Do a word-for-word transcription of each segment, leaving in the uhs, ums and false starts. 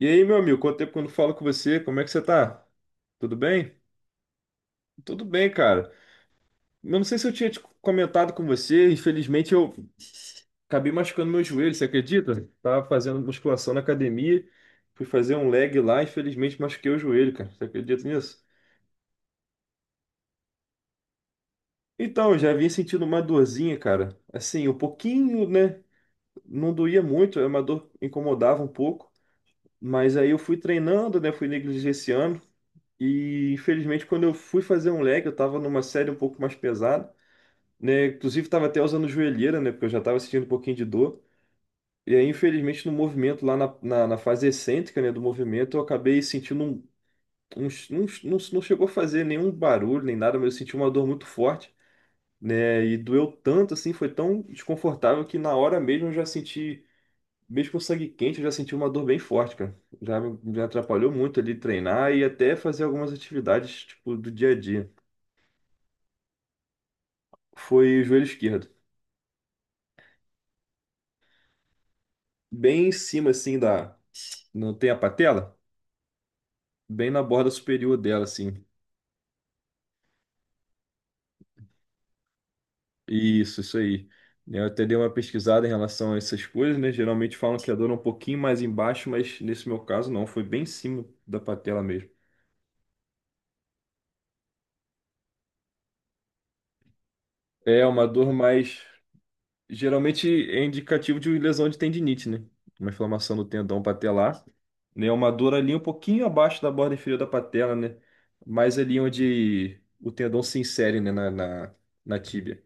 E aí, meu amigo, quanto tempo que eu não falo com você? Como é que você tá? Tudo bem? Tudo bem, cara. Eu não sei se eu tinha te comentado com você, infelizmente eu acabei machucando meu joelho, você acredita? Tava fazendo musculação na academia, fui fazer um leg lá, infelizmente machuquei o joelho, cara. Você acredita nisso? Então, eu já vinha sentindo uma dorzinha, cara. Assim, um pouquinho, né? Não doía muito, é uma dor que incomodava um pouco. Mas aí eu fui treinando, né? Fui negligenciando. E infelizmente, quando eu fui fazer um leg, eu tava numa série um pouco mais pesada, né? Inclusive, tava até usando joelheira, né? Porque eu já tava sentindo um pouquinho de dor. E aí, infelizmente, no movimento, lá na, na, na fase excêntrica, né, do movimento, eu acabei sentindo um, um, um- Não, não chegou a fazer nenhum barulho nem nada, mas eu senti uma dor muito forte, né? E doeu tanto, assim, foi tão desconfortável que na hora mesmo eu já senti. Mesmo com sangue quente, eu já senti uma dor bem forte, cara. Já me me atrapalhou muito ali treinar e até fazer algumas atividades, tipo, do dia a dia. Foi o joelho esquerdo. Bem em cima, assim, da... Não tem a patela? Bem na borda superior dela, assim. Isso, isso aí. Eu até dei uma pesquisada em relação a essas coisas, né? Geralmente falam que a dor é um pouquinho mais embaixo, mas nesse meu caso não. Foi bem em cima da patela mesmo. É uma dor mais... Geralmente é indicativo de lesão de tendinite, né? Uma inflamação do tendão patelar, né? Uma dor ali um pouquinho abaixo da borda inferior da patela, né? Mais ali onde o tendão se insere, né? Na, na, na tíbia.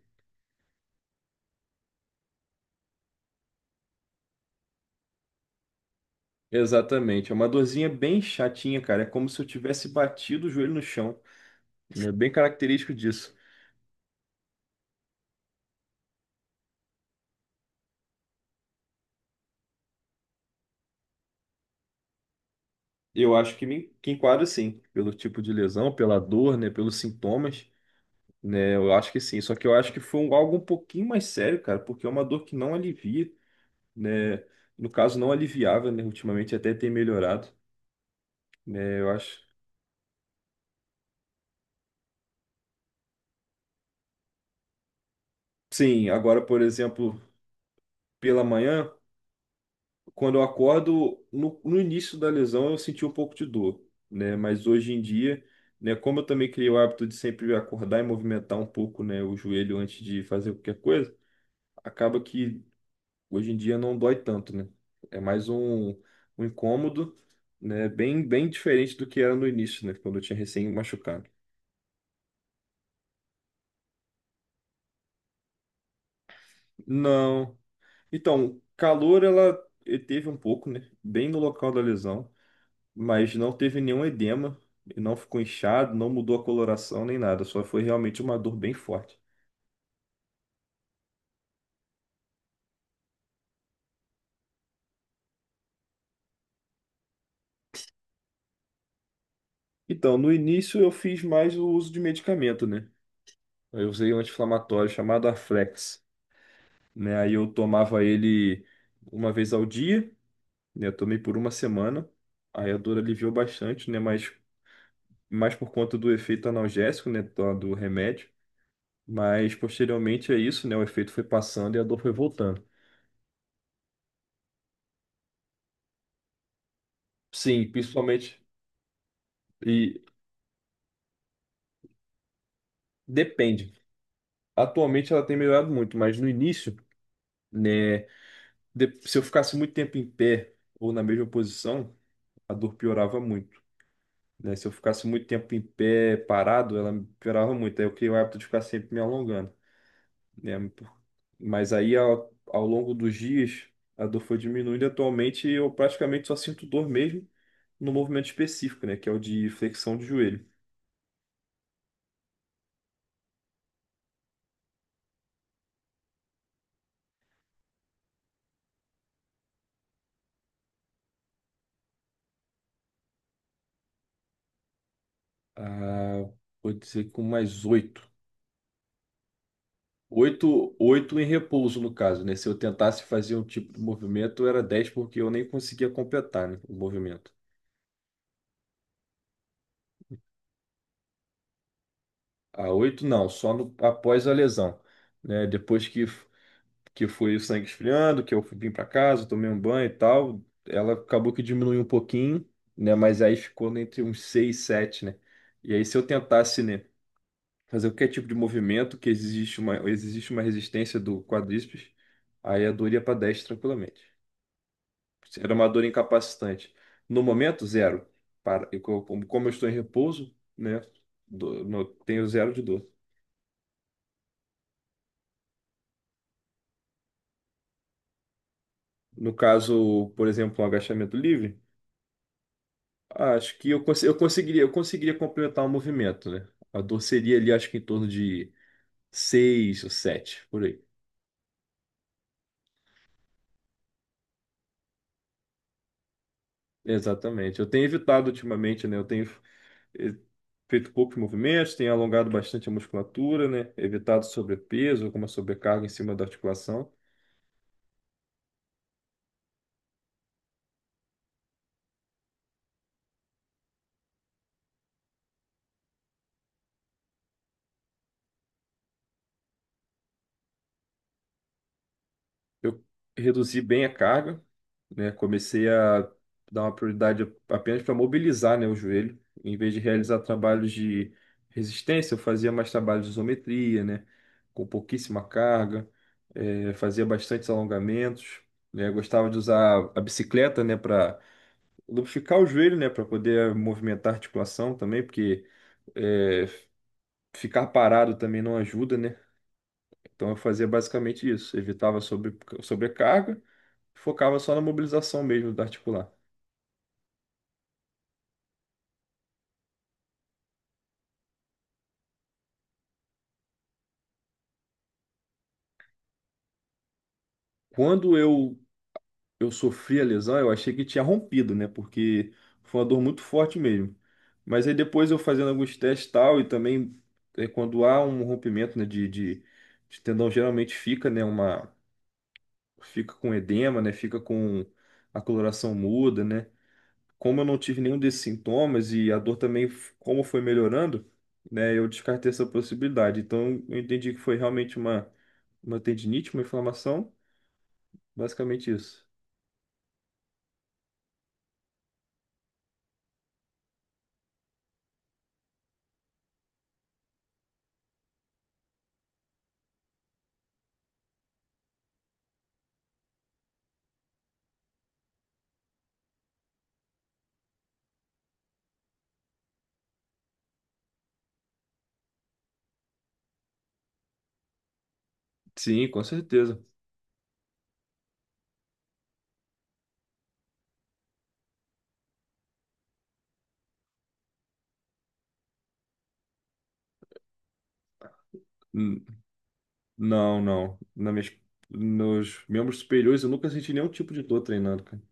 Exatamente. É uma dorzinha bem chatinha, cara. É como se eu tivesse batido o joelho no chão. É bem característico disso. Eu acho que me que enquadra sim, pelo tipo de lesão, pela dor, né? Pelos sintomas, né? Eu acho que sim. Só que eu acho que foi um- algo um pouquinho mais sério, cara, porque é uma dor que não alivia, né? No caso, não aliviava, né? Ultimamente até tem melhorado, né? Eu acho. Sim, agora, por exemplo, pela manhã, quando eu acordo, no, no início da lesão eu senti um pouco de dor, né? Mas hoje em dia, né? Como eu também criei o hábito de sempre acordar e movimentar um pouco, né? O joelho antes de fazer qualquer coisa, acaba que hoje em dia não dói tanto, né? É mais um, um incômodo, né? Bem, bem diferente do que era no início, né? Quando eu tinha recém machucado. Não. Então, calor ela teve um pouco, né? Bem no local da lesão, mas não teve nenhum edema, não ficou inchado, não mudou a coloração nem nada, só foi realmente uma dor bem forte. Então, no início eu fiz mais o uso de medicamento, né? Eu usei um anti-inflamatório chamado Aflex, né? Aí eu tomava ele uma vez ao dia, né? Eu tomei por uma semana, aí a dor aliviou bastante, né? Mas mais por conta do efeito analgésico, né? Do do remédio. Mas posteriormente é isso, né? O efeito foi passando e a dor foi voltando. Sim, principalmente. E depende. Atualmente ela tem melhorado muito, mas no início, né? de- se eu ficasse muito tempo em pé ou na mesma posição, a dor piorava muito. Né? Se eu ficasse muito tempo em pé parado, ela piorava muito. Aí eu criei o hábito de ficar sempre me alongando, né? Mas aí ao, ao longo dos dias, a dor foi diminuindo. E atualmente eu praticamente só sinto dor mesmo no movimento específico, né? Que é o de flexão de joelho. Ah, vou dizer com mais oito. Oito, oito em repouso, no caso, né? Se eu tentasse fazer um tipo de movimento, era dez, porque eu nem conseguia completar, né, o movimento. A oito, não, só no- após a lesão, né? Depois que, que foi o sangue esfriando, que eu vim para casa, tomei um banho e tal, ela acabou que diminuiu um pouquinho, né? Mas aí ficou entre uns seis, e sete, né? E aí, se eu tentasse, né, fazer qualquer tipo de movimento que existe uma, existe uma resistência do quadríceps, aí a dor ia para dez tranquilamente. Era uma dor incapacitante. No momento, zero. Para, e co- como, como eu estou em repouso, né, do- no- tenho zero de dor. No caso, por exemplo, um agachamento livre, acho que eu, cons- eu conseguiria, eu conseguiria complementar o movimento, né? A dor seria ali, acho que em torno de seis ou sete por aí. Exatamente. Eu tenho evitado ultimamente, né? Eu tenho eh, feito poucos movimentos, tem alongado bastante a musculatura, né? Evitado sobrepeso, alguma sobrecarga em cima da articulação. Eu reduzi bem a carga, né? Comecei a dar uma prioridade apenas para mobilizar, né, o joelho. Em vez de realizar trabalhos de resistência, eu fazia mais trabalhos de isometria, né? Com pouquíssima carga, eh, fazia bastantes alongamentos, né? Gostava de usar a bicicleta, né, para lubrificar o joelho, né, para poder eh, movimentar a articulação também, porque é, ficar parado também não ajuda, né? Então eu fazia basicamente isso, evitava sobre, sobrecarga, focava só na mobilização mesmo da articular. Quando eu eu sofri a lesão, eu achei que tinha rompido, né? Porque foi uma dor muito forte mesmo. Mas aí depois eu fazendo alguns testes e tal e também é, quando há um rompimento, né, de, de, de tendão geralmente fica, né, fica com edema, né? Fica com a coloração muda, né? Como eu não tive nenhum desses sintomas e a dor também, f- como foi melhorando, né? Eu descartei essa possibilidade. Então, eu entendi que foi realmente uma, uma tendinite, uma inflamação, basicamente isso. Sim, com certeza. N- Não, não. Na minhas, nos membros superiores eu nunca senti nenhum tipo de dor treinando, cara.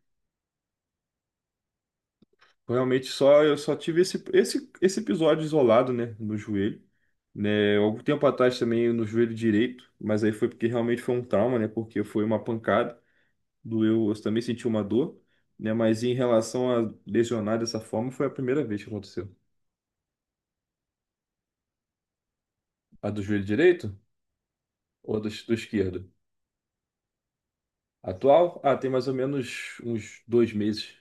Realmente só eu só tive esse, esse, esse episódio isolado, né, no joelho, né, algum tempo atrás também no joelho direito, mas aí foi porque realmente foi um trauma, né, porque foi uma pancada, doeu, eu também senti uma dor, né, mas em relação a lesionar dessa forma foi a primeira vez que aconteceu. A do joelho direito ou do, do esquerdo? Atual? Ah, tem mais ou menos uns dois meses.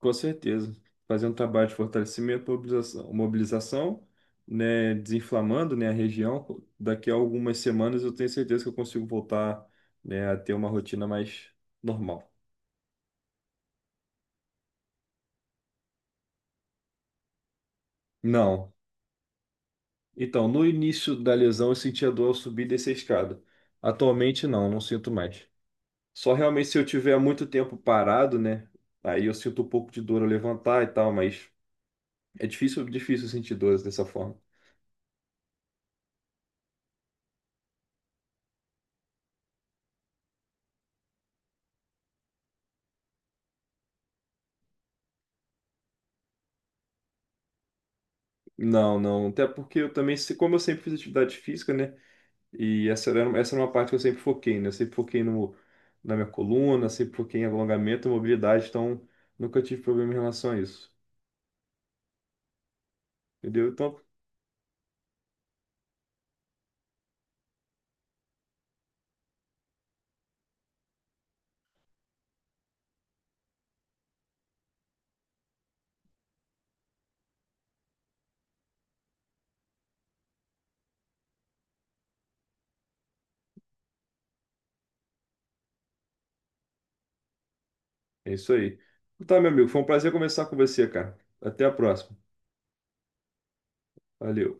Com certeza. Fazer um trabalho de fortalecimento, mobilização, mobilização, né, desinflamando, né, a região. Daqui a algumas semanas eu tenho certeza que eu consigo voltar, né, a ter uma rotina mais normal. Não. Então, no início da lesão eu sentia dor ao subir e descer a escada. Atualmente não, não sinto mais. Só realmente se eu tiver muito tempo parado, né, aí eu sinto um pouco de dor ao levantar e tal, mas é difícil, difícil sentir dores dessa forma. Não, não. Até porque eu também, se- como eu sempre fiz atividade física, né? E essa era, essa era uma parte que eu sempre foquei, né? Eu sempre foquei no, na minha coluna, sempre foquei em alongamento, mobilidade, então nunca tive problema em relação a isso. Entendeu? Então, é isso aí. Então, tá, meu amigo, foi um prazer conversar com você, cara. Até a próxima. Valeu.